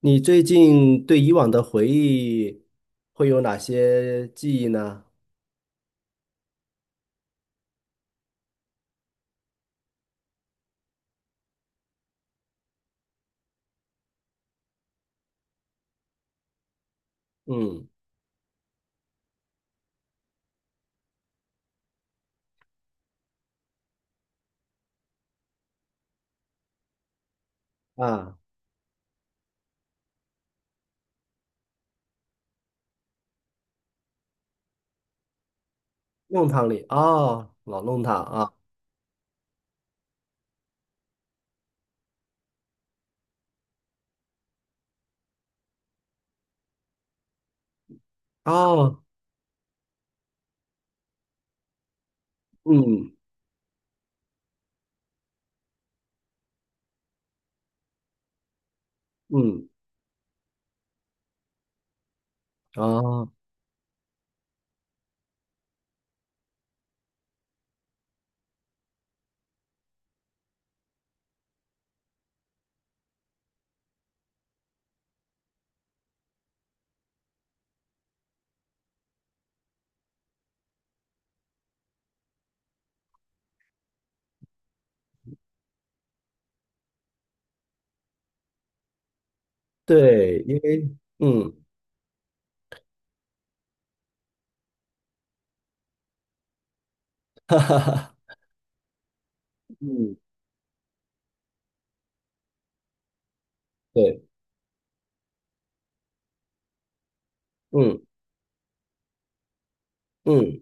你最近对以往的回忆会有哪些记忆呢？嗯啊，弄堂里哦，老弄堂啊。哦，嗯嗯哦，对，因为嗯，哈哈哈，嗯，对，嗯嗯。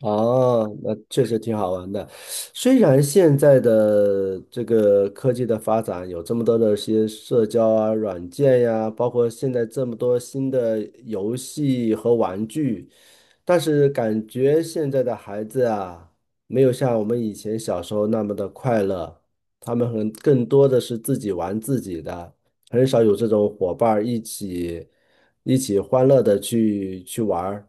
哦，那确实挺好玩的。虽然现在的这个科技的发展有这么多的一些社交啊、软件呀，包括现在这么多新的游戏和玩具，但是感觉现在的孩子啊，没有像我们以前小时候那么的快乐，他们很更多的是自己玩自己的，很少有这种伙伴儿一起欢乐的去玩儿。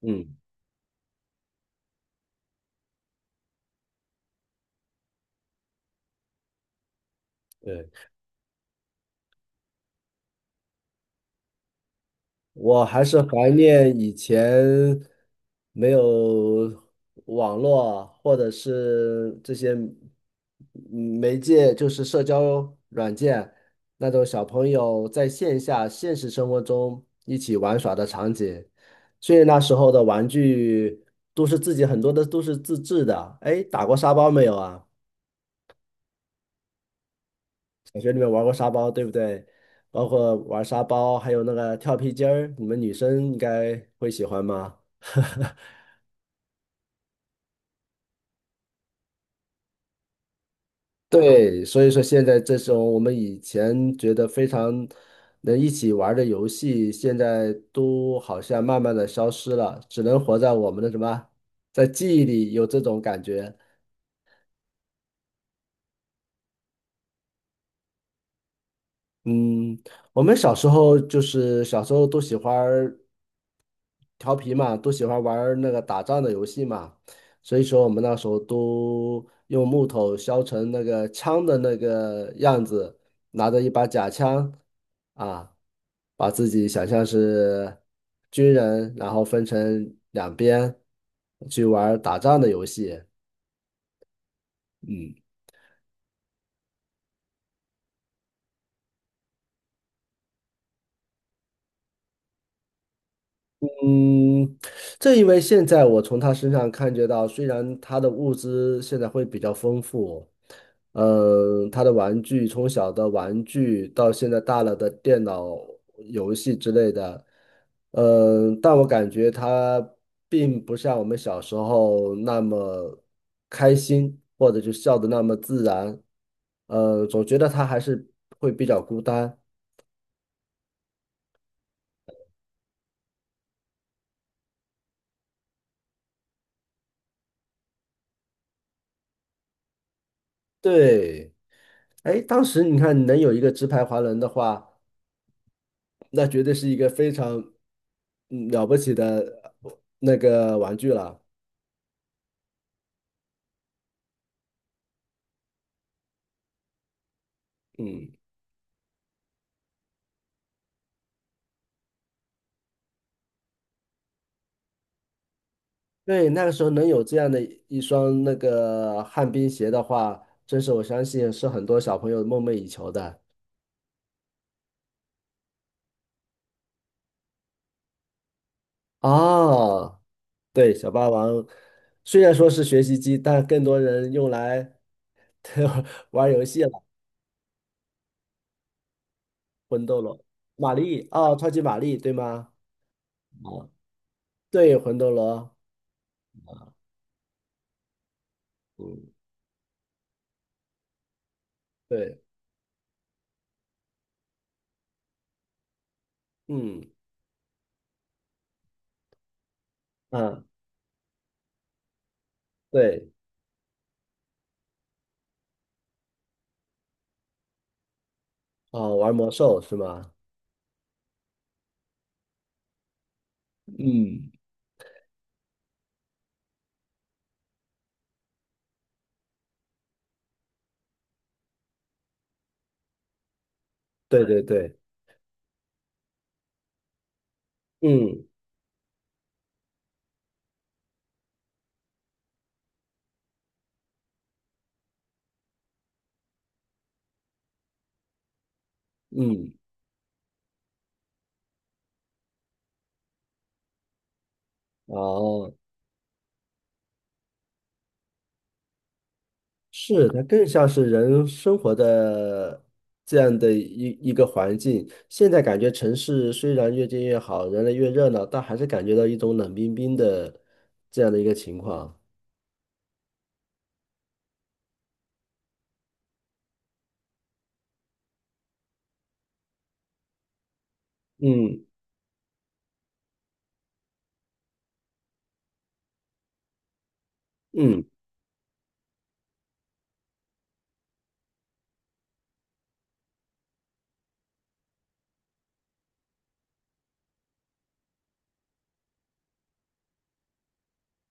嗯，对。我还是怀念以前没有网络或者是这些媒介，就是社交软件那种小朋友在线下现实生活中一起玩耍的场景。所以那时候的玩具都是自己很多的都是自制的。哎，打过沙包没有啊？小学里面玩过沙包，对不对？包括玩沙包，还有那个跳皮筋儿，你们女生应该会喜欢吗？对，所以说现在这种我们以前觉得非常能一起玩儿的游戏，现在都好像慢慢的消失了，只能活在我们的什么，在记忆里有这种感觉。嗯，我们小时候就是小时候都喜欢。调皮嘛，都喜欢玩儿那个打仗的游戏嘛，所以说我们那时候都用木头削成那个枪的那个样子，拿着一把假枪啊，把自己想象是军人，然后分成两边去玩儿打仗的游戏。嗯，嗯，正因为现在我从他身上感觉到，虽然他的物资现在会比较丰富，嗯，他的玩具从小的玩具到现在大了的电脑游戏之类的，嗯，但我感觉他并不像我们小时候那么开心，或者就笑得那么自然，总觉得他还是会比较孤单。对，哎，当时你看能有一个直排滑轮的话，那绝对是一个非常嗯了不起的那个玩具了。嗯，对，那个时候能有这样的一双那个旱冰鞋的话，真是我相信是很多小朋友梦寐以求的。哦，对，小霸王虽然说是学习机，但更多人用来 玩游戏了，魂斗罗、玛丽哦，超级玛丽，对吗？哦，对，魂斗罗。嗯对，嗯啊，对，哦，玩魔兽是吗？嗯，对对对，嗯嗯，哦，是，它更像是人生活的这样的一个环境。现在感觉城市虽然越建越好，人类越热闹，但还是感觉到一种冷冰冰的这样的一个情况。嗯嗯。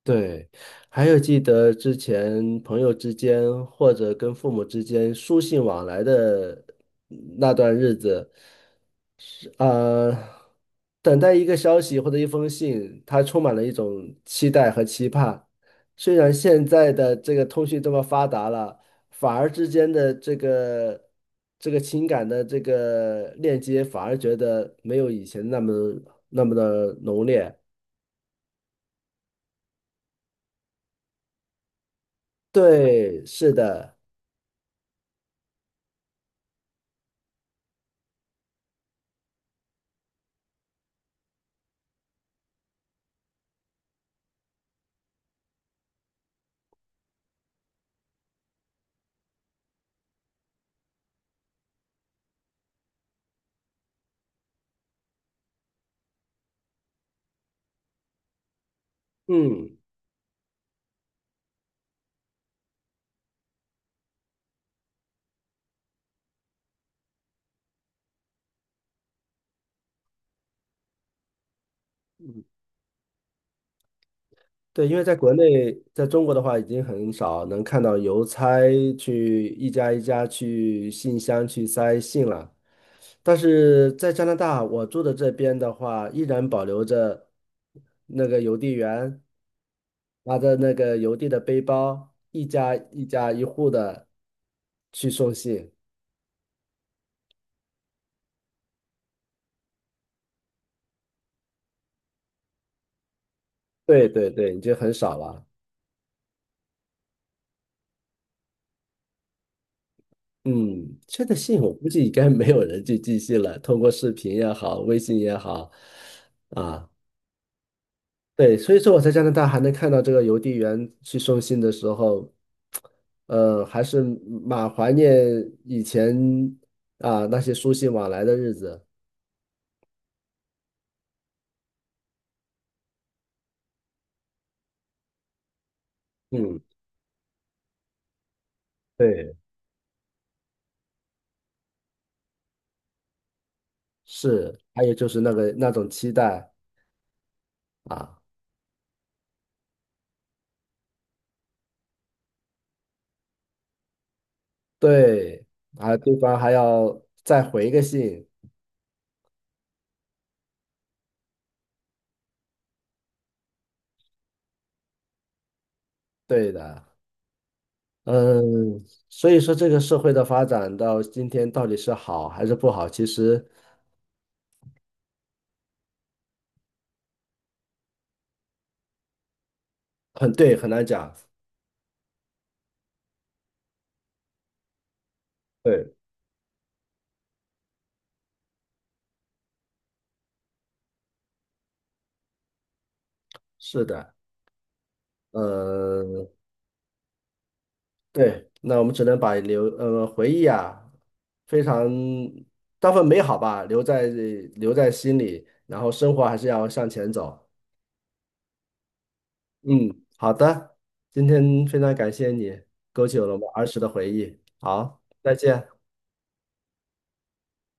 对，还有记得之前朋友之间或者跟父母之间书信往来的那段日子，是呃，等待一个消息或者一封信，它充满了一种期待和期盼。虽然现在的这个通讯这么发达了，反而之间的这个情感的这个链接，反而觉得没有以前那么那么浓烈。对，是的。嗯，对，因为在国内，在中国的话，已经很少能看到邮差去一家一家去信箱去塞信了。但是在加拿大，我住的这边的话，依然保留着那个邮递员拿着那个邮递的背包，一家一家一户的去送信。对对对，已经很少了。嗯，现在信我估计应该没有人去寄信了，通过视频也好，微信也好，啊。对，所以说我在加拿大还能看到这个邮递员去送信的时候，还是蛮怀念以前啊那些书信往来的日子。嗯，对，是，还有就是那个那种期待啊，对，啊，对方还要再回个信，对的，嗯，所以说这个社会的发展到今天到底是好还是不好，其实很对，很难讲。对，是的，嗯，对，那我们只能把回忆啊，非常当份美好吧，留在心里，然后生活还是要向前走。嗯，好的，今天非常感谢你，勾起了我们儿时的回忆。好，再见。